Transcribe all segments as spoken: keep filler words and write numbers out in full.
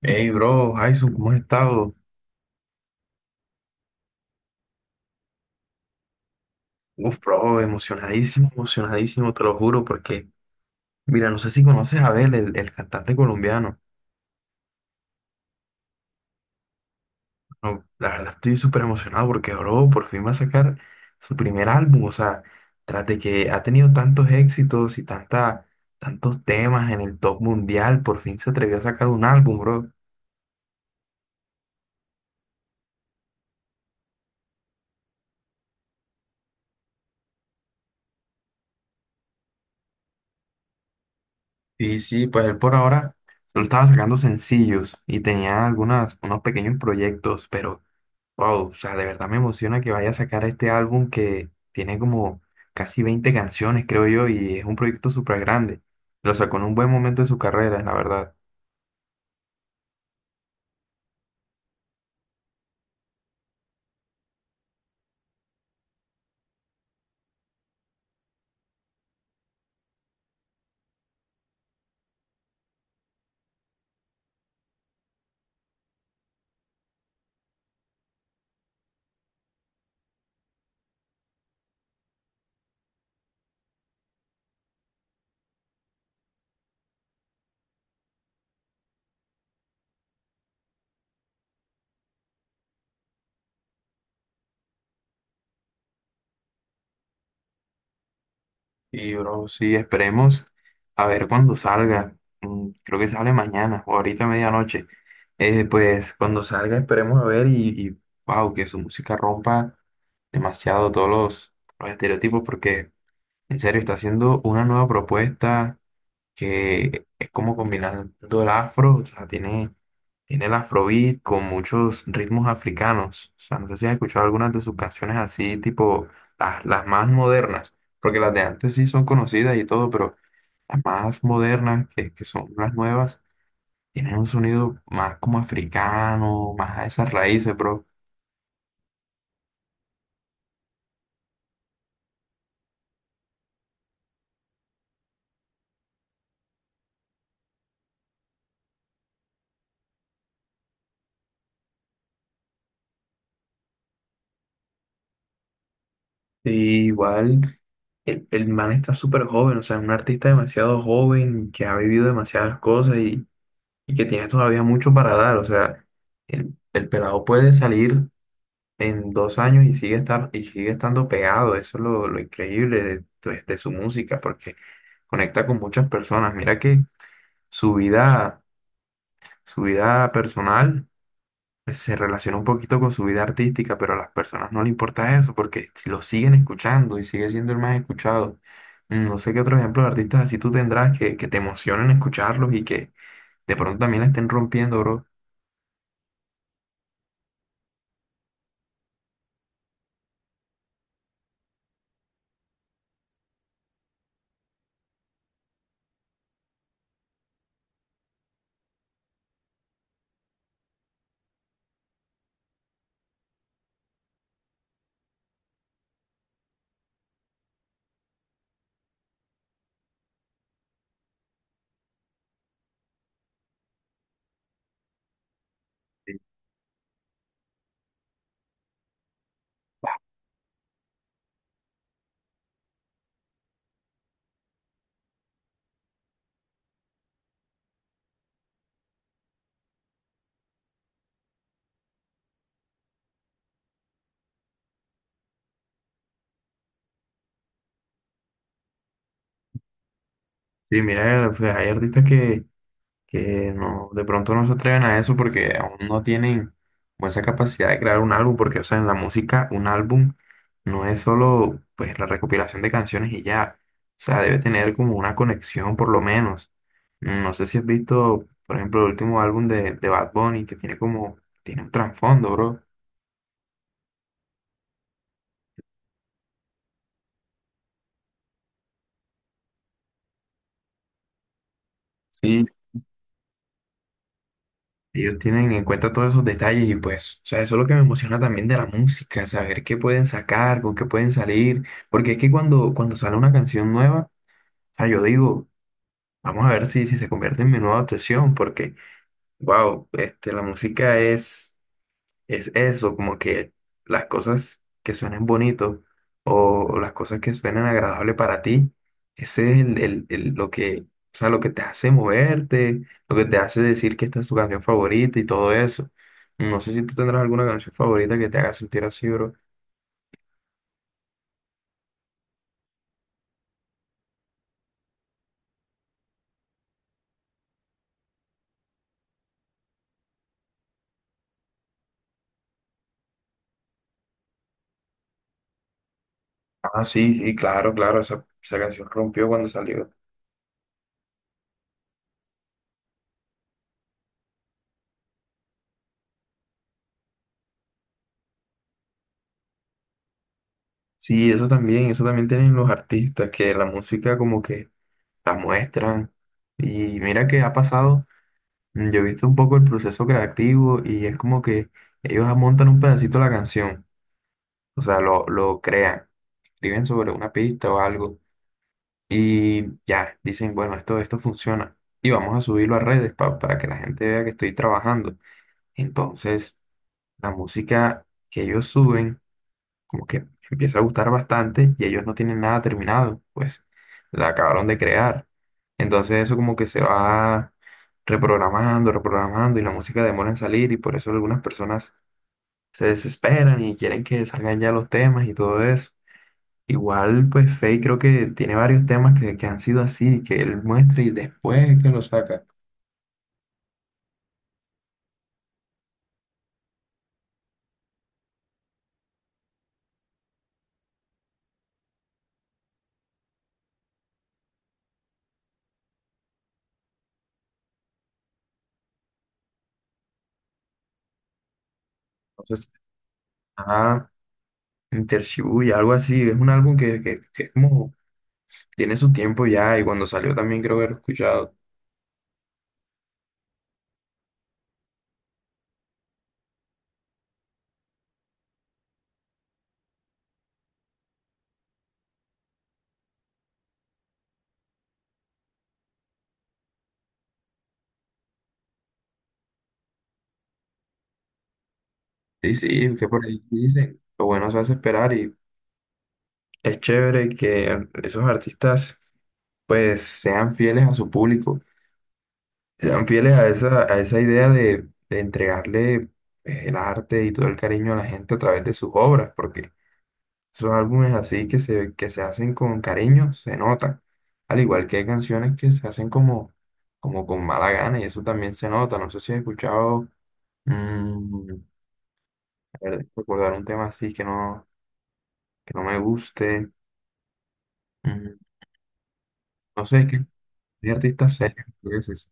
Hey, bro, Jason, ¿cómo has estado? Uf, bro, emocionadísimo, emocionadísimo, te lo juro, porque, mira, no sé si conoces a Abel, el, el cantante colombiano. No, la verdad estoy súper emocionado porque, bro, por fin va a sacar su primer álbum, o sea, tras de que ha tenido tantos éxitos y tanta, tantos temas en el top mundial, por fin se atrevió a sacar un álbum, bro. Y sí, pues él por ahora solo estaba sacando sencillos y tenía algunas, unos pequeños proyectos, pero... Wow, o sea, de verdad me emociona que vaya a sacar este álbum que tiene como casi veinte canciones, creo yo, y es un proyecto súper grande. Lo sacó en un buen momento de su carrera, la verdad. Y, bro, sí, esperemos a ver cuándo salga. Mm, Creo que sale mañana o ahorita a medianoche. Eh, pues cuando salga esperemos a ver y, y, wow, que su música rompa demasiado todos los, los estereotipos porque en serio está haciendo una nueva propuesta que es como combinando el afro, o sea, tiene, tiene el afrobeat con muchos ritmos africanos. O sea, no sé si has escuchado algunas de sus canciones así, tipo las, las más modernas, porque las de antes sí son conocidas y todo, pero las más modernas, que, que son las nuevas, tienen un sonido más como africano, más a esas raíces, bro. Y igual el, el man está súper joven, o sea, es un artista demasiado joven que ha vivido demasiadas cosas y y que tiene todavía mucho para dar. O sea, el, el pelado puede salir en dos años y sigue estar, y sigue estando pegado. Eso es lo, lo increíble de, de- de su música, porque conecta con muchas personas. Mira que su vida, su vida personal pues, se relaciona un poquito con su vida artística, pero a las personas no le importa eso, porque si lo siguen escuchando y sigue siendo el más escuchado. Mm, No sé qué otro ejemplo de artistas así tú tendrás que, que te emocionen escucharlos y que de pronto también la estén rompiendo, bro. Sí, mira, pues hay artistas que, que no, de pronto no se atreven a eso porque aún no tienen como esa capacidad de crear un álbum, porque, o sea, en la música un álbum no es solo pues la recopilación de canciones y ya, o sea, debe tener como una conexión por lo menos. Mm, No sé si has visto, por ejemplo, el último álbum de, de Bad Bunny que tiene como, tiene un trasfondo, bro. Sí, ellos tienen en cuenta todos esos detalles y pues, o sea, eso es lo que me emociona también de la música, saber qué pueden sacar, con qué pueden salir, porque es que cuando, cuando sale una canción nueva, o sea, yo digo, vamos a ver si, si se convierte en mi nueva obsesión, porque, wow, este, la música es... Es eso, como que las cosas que suenen bonitos o las cosas que suenen agradables para ti, ese es el, el- el- lo que, o sea, lo que te hace moverte, lo que te hace decir que esta es tu canción favorita y todo eso. No sé si tú tendrás alguna canción favorita que te haga sentir así, bro. Ah, sí, sí, claro, claro, esa, esa canción rompió cuando salió. Sí, eso también, eso también tienen los artistas, que la música como que la muestran. Y mira que ha pasado. Mm, Yo he visto un poco el proceso creativo y es como que ellos montan un pedacito de la canción, o sea, lo, lo crean, escriben sobre una pista o algo y ya, dicen, bueno, esto, esto funciona y vamos a subirlo a redes pa- para que la gente vea que estoy trabajando. Entonces, la música que ellos suben como que empieza a gustar bastante y ellos no tienen nada terminado, pues la acabaron de crear. Entonces eso como que se va reprogramando, reprogramando y la música demora en salir y por eso algunas personas se desesperan y quieren que salgan ya los temas y todo eso. Igual pues Faye creo que tiene varios temas que, que han sido así, que él muestra y después es que lo saca. Entonces, ah, y algo así, es un álbum que, que, que es como tiene su tiempo ya y cuando salió también creo haber escuchado. Sí, sí, que por ahí dicen, lo bueno se hace esperar y es chévere que esos artistas pues sean fieles a su público, sean fieles a esa, a esa idea de, de entregarle pues, el arte y todo el cariño a la gente a través de sus obras, porque esos álbumes así que se, que se hacen con cariño se notan, al igual que hay canciones que se hacen como, como con mala gana y eso también se nota, no sé si has escuchado, mm, a ver, recordar un tema así que no, que no me guste. Mm, No sé, es que hay artistas serios, tú dices.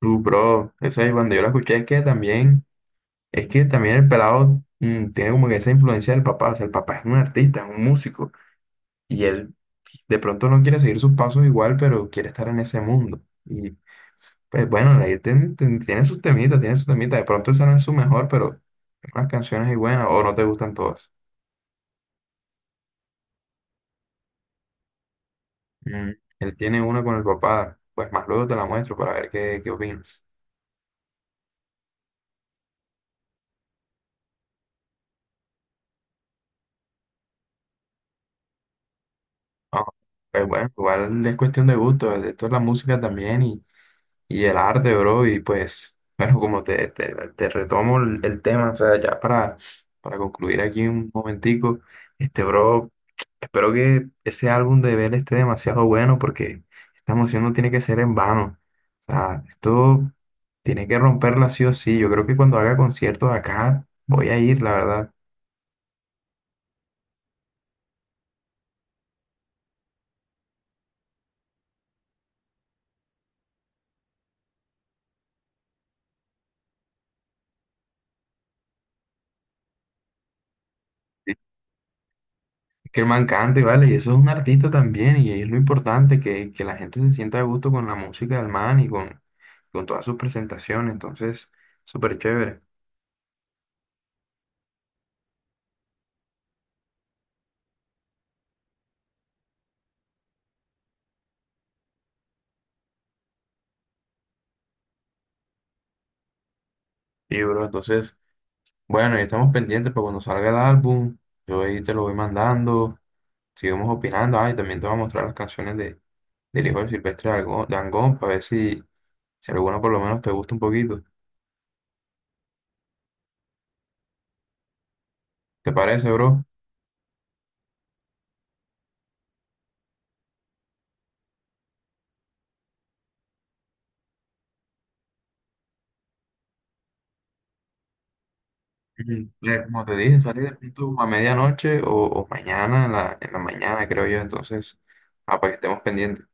Uh, bro, esa es cuando yo la escuché, es que también, es que también el pelado mm, tiene como que esa influencia del papá, o sea, el papá es un artista, es un músico, y él de pronto no quiere seguir sus pasos igual, pero quiere estar en ese mundo. Y pues bueno, ahí ten- ten- tiene sus temitas, tiene sus temitas, de pronto esa no es su mejor, pero unas canciones ahí buenas, o no te gustan todas. Mm, Él tiene una con el papá, pues más luego te la muestro para ver qué, qué opinas. Ah, pues bueno, igual es cuestión de gusto, esto es la música también y, y el arte, bro, y pues, bueno, como te, te, te retomo el, el tema, o sea, ya para, para concluir aquí un momentico, este, bro, espero que ese álbum de Bell esté demasiado bueno porque esta emoción no tiene que ser en vano, o sea, esto tiene que romperla sí o sí, yo creo que cuando haga conciertos acá voy a ir, la verdad. Que el man cante, ¿vale? Y eso es un artista también, y es lo importante, que, que la gente se sienta a gusto con la música del man y con, con todas sus presentaciones, entonces, súper chévere. Y, bro, entonces, bueno, ya estamos pendientes para cuando salga el álbum, yo ahí te lo voy mandando, sigamos opinando, ah, y también te voy a mostrar las canciones de, del hijo de Silvestre Dangond, para ver si, si alguna por lo menos te gusta un poquito. ¿Te parece, bro? Mm, eh, Como te dije, sale de pronto a medianoche o, o mañana, en la, en la mañana, creo yo. Entonces, ah, para que estemos pendientes.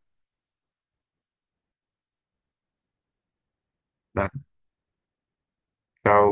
Dale. Chao.